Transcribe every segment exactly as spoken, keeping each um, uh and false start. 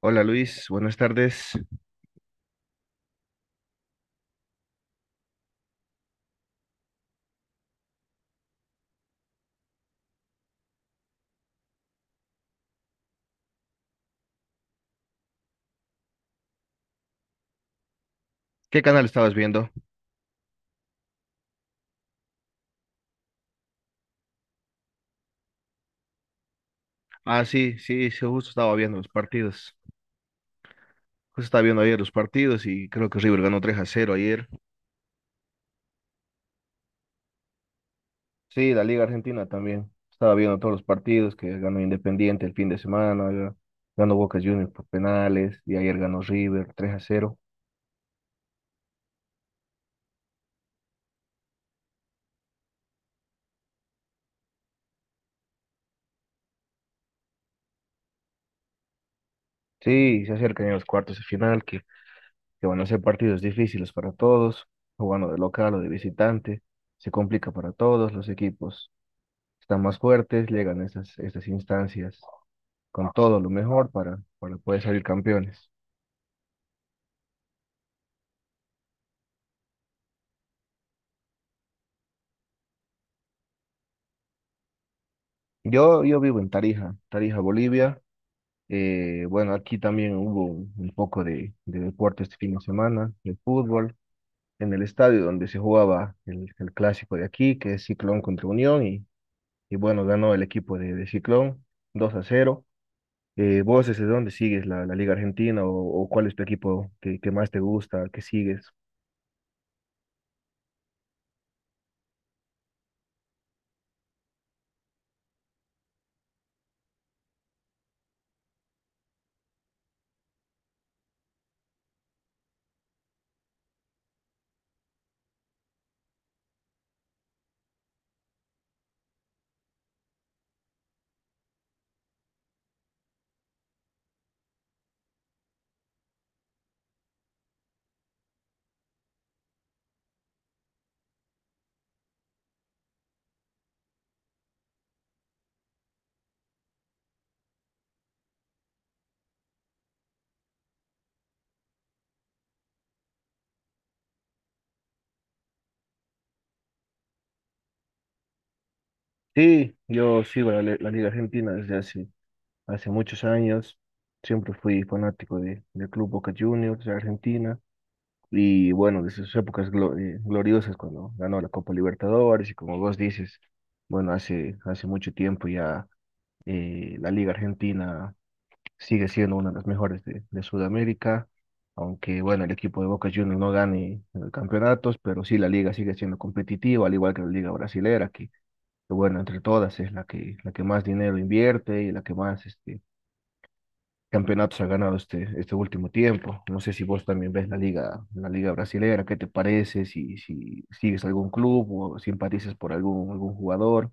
Hola Luis, buenas tardes. ¿Qué canal estabas viendo? Ah, sí, sí, sí, justo estaba viendo los partidos. Justo estaba viendo ayer los partidos y creo que River ganó tres a cero ayer. Sí, la Liga Argentina también. Estaba viendo todos los partidos que ganó Independiente el fin de semana, ga- ganó Boca Juniors por penales y ayer ganó River tres a cero. Sí, se acercan ya los cuartos de final que, que van a ser partidos difíciles para todos, jugando de local o de visitante. Se complica para todos los equipos. Están más fuertes, llegan a esas, estas instancias con todo lo mejor para, para poder salir campeones. Yo, yo vivo en Tarija, Tarija, Bolivia. Eh, bueno, aquí también hubo un un poco de, de deporte este fin de semana, de fútbol, en el estadio donde se jugaba el, el clásico de aquí, que es Ciclón contra Unión, y, y bueno, ganó el equipo de, de Ciclón dos a cero. Eh, ¿vos desde dónde sigues la, la Liga Argentina o, o cuál es tu equipo que, que más te gusta, que sigues? Sí, yo sigo la, le- la Liga Argentina desde hace. Hace muchos años siempre fui fanático de, del Club Boca Juniors de Argentina y bueno, de sus épocas glo- eh, gloriosas cuando ganó la Copa Libertadores y como vos dices, bueno, hace, hace mucho tiempo ya, eh, la Liga Argentina sigue siendo una de las mejores de, de Sudamérica, aunque bueno, el equipo de Boca Juniors no gane eh, campeonatos, pero sí la liga sigue siendo competitiva, al igual que la Liga Brasilera, que que, bueno, entre todas es la que, la que más dinero invierte y la que más... Este, campeonatos ha ganado este, este último tiempo. No sé si vos también ves la liga, la liga brasilera, ¿qué te parece? Si, si sigues algún club o simpatizas por algún, algún jugador.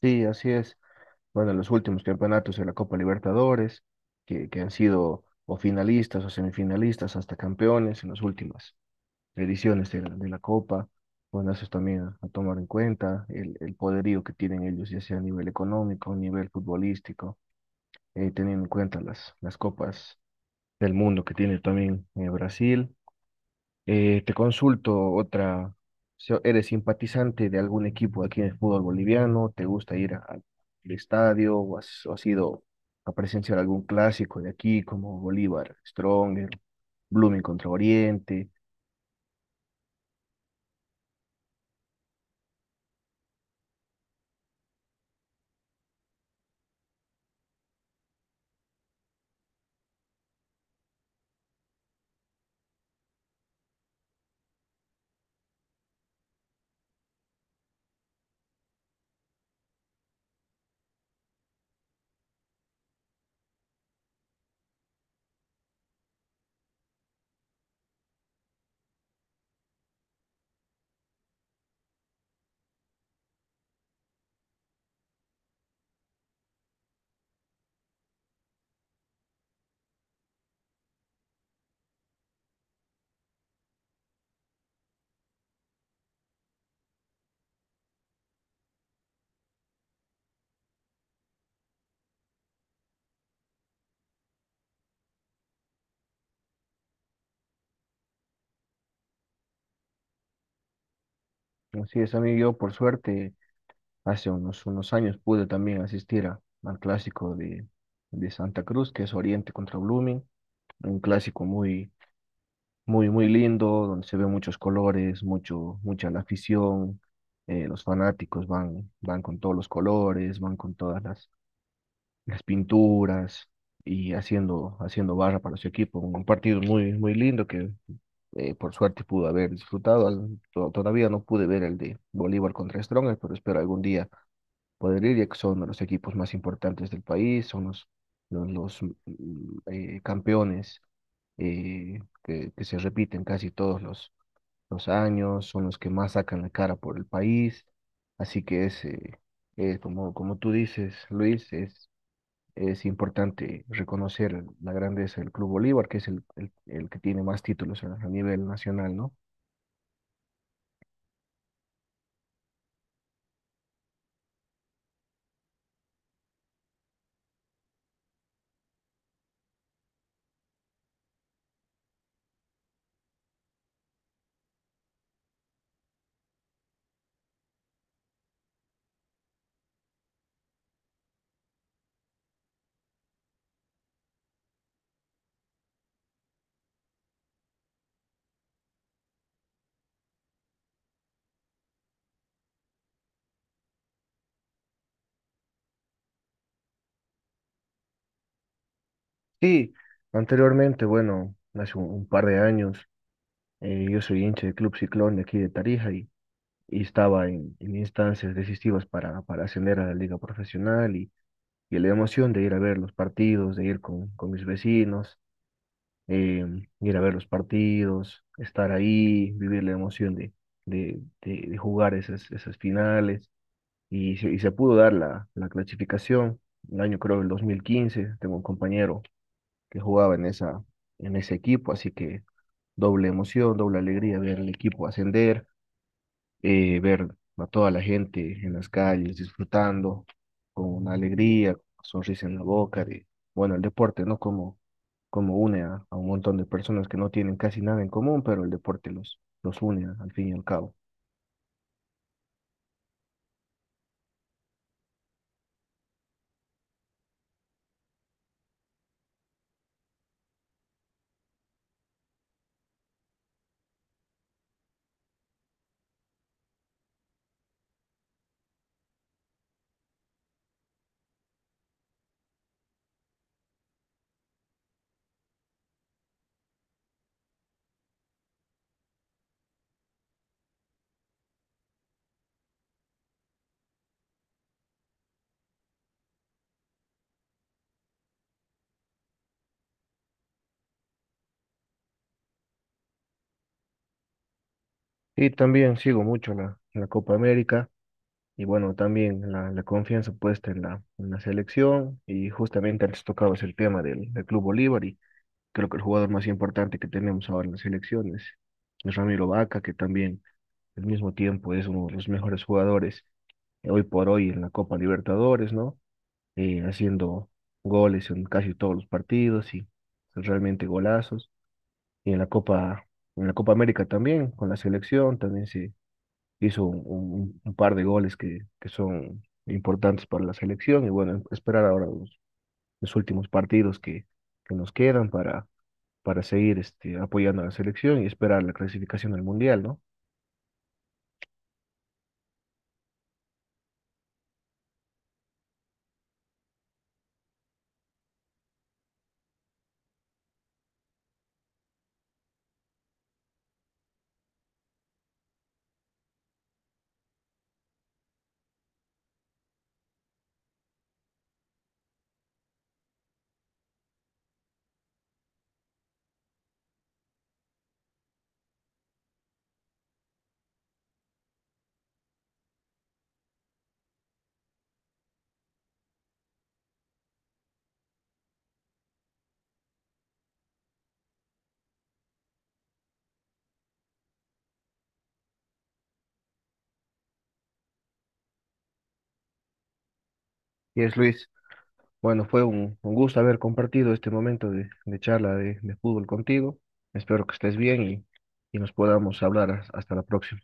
Sí, así es. Bueno, los últimos campeonatos de la Copa Libertadores, que, que han sido o finalistas o semifinalistas hasta campeones en las últimas ediciones de la, de la Copa. Bueno, eso es también a, a tomar en cuenta, el, el poderío que tienen ellos, ya sea a nivel económico, a nivel futbolístico, eh, teniendo en cuenta las, las copas del mundo que tiene también eh, Brasil. Eh, te consulto otra, si ¿eres simpatizante de algún equipo aquí en el fútbol boliviano? ¿Te gusta ir a- al estadio o has, o has ido a presenciar algún clásico de aquí como Bolívar, Stronger, Blooming contra Oriente? Así es, amigo, yo por suerte hace unos, unos años pude también asistir a- al clásico de, de Santa Cruz, que es Oriente contra Blooming, un clásico muy muy, muy lindo, donde se ve muchos colores, mucho, mucha la afición, eh, los fanáticos van, van con todos los colores, van con todas las, las pinturas y haciendo, haciendo barra para su equipo. Un partido muy, muy lindo que eh, por suerte pudo haber disfrutado. Al- to- Todavía no pude ver el de Bolívar contra Strongest, pero espero algún día poder ir, ya que son de los equipos más importantes del país, son los, los, los, mm, eh, campeones eh, que, que se repiten casi todos los los años, son los que más sacan la cara por el país. Así que es, eh, eh, como, como tú dices, Luis, es, es importante reconocer la grandeza del Club Bolívar, que es el, el, el que tiene más títulos a, a nivel nacional, ¿no? Sí, anteriormente, bueno, hace un, un par de años, eh, yo soy hincha del Club Ciclón de aquí de Tarija y, y estaba en, en instancias decisivas para, para ascender a la liga profesional y, y la emoción de ir a ver los partidos, de ir con, con mis vecinos, eh, ir a ver los partidos, estar ahí, vivir la emoción de, de, de- de jugar esas, esas finales. Y se, y se pudo dar la, la clasificación, el año creo el dos mil quince, tengo un compañero que jugaba en esa, en ese equipo, así que doble emoción, doble alegría ver el equipo ascender, eh, ver a toda la gente en las calles disfrutando con una alegría, con una sonrisa en la boca, de, bueno, el deporte, ¿no? Como, como une a, a un montón de personas que no tienen casi nada en común, pero el deporte los, los une al fin y al cabo. Y también sigo mucho la, la Copa América y bueno, también la, la confianza puesta en la, en la selección y justamente antes tocabas el tema del, del Club Bolívar y creo que el jugador más importante que tenemos ahora en la selección es, es Ramiro Vaca, que también al mismo tiempo es uno de los mejores jugadores, eh, hoy por hoy en la Copa Libertadores, ¿no? Eh, haciendo goles en casi todos los partidos y realmente golazos. Y en la Copa, en la Copa América también, con la selección, también se hizo un, un- un par de goles que, que son importantes para la selección. Y bueno, esperar ahora los, los últimos partidos que, que nos quedan para, para seguir este, apoyando a la selección y esperar la clasificación al Mundial, ¿no? Y es Luis. Bueno, fue un, un gusto haber compartido este momento de, de charla de, de fútbol contigo. Espero que estés bien y, y nos podamos hablar hasta la próxima.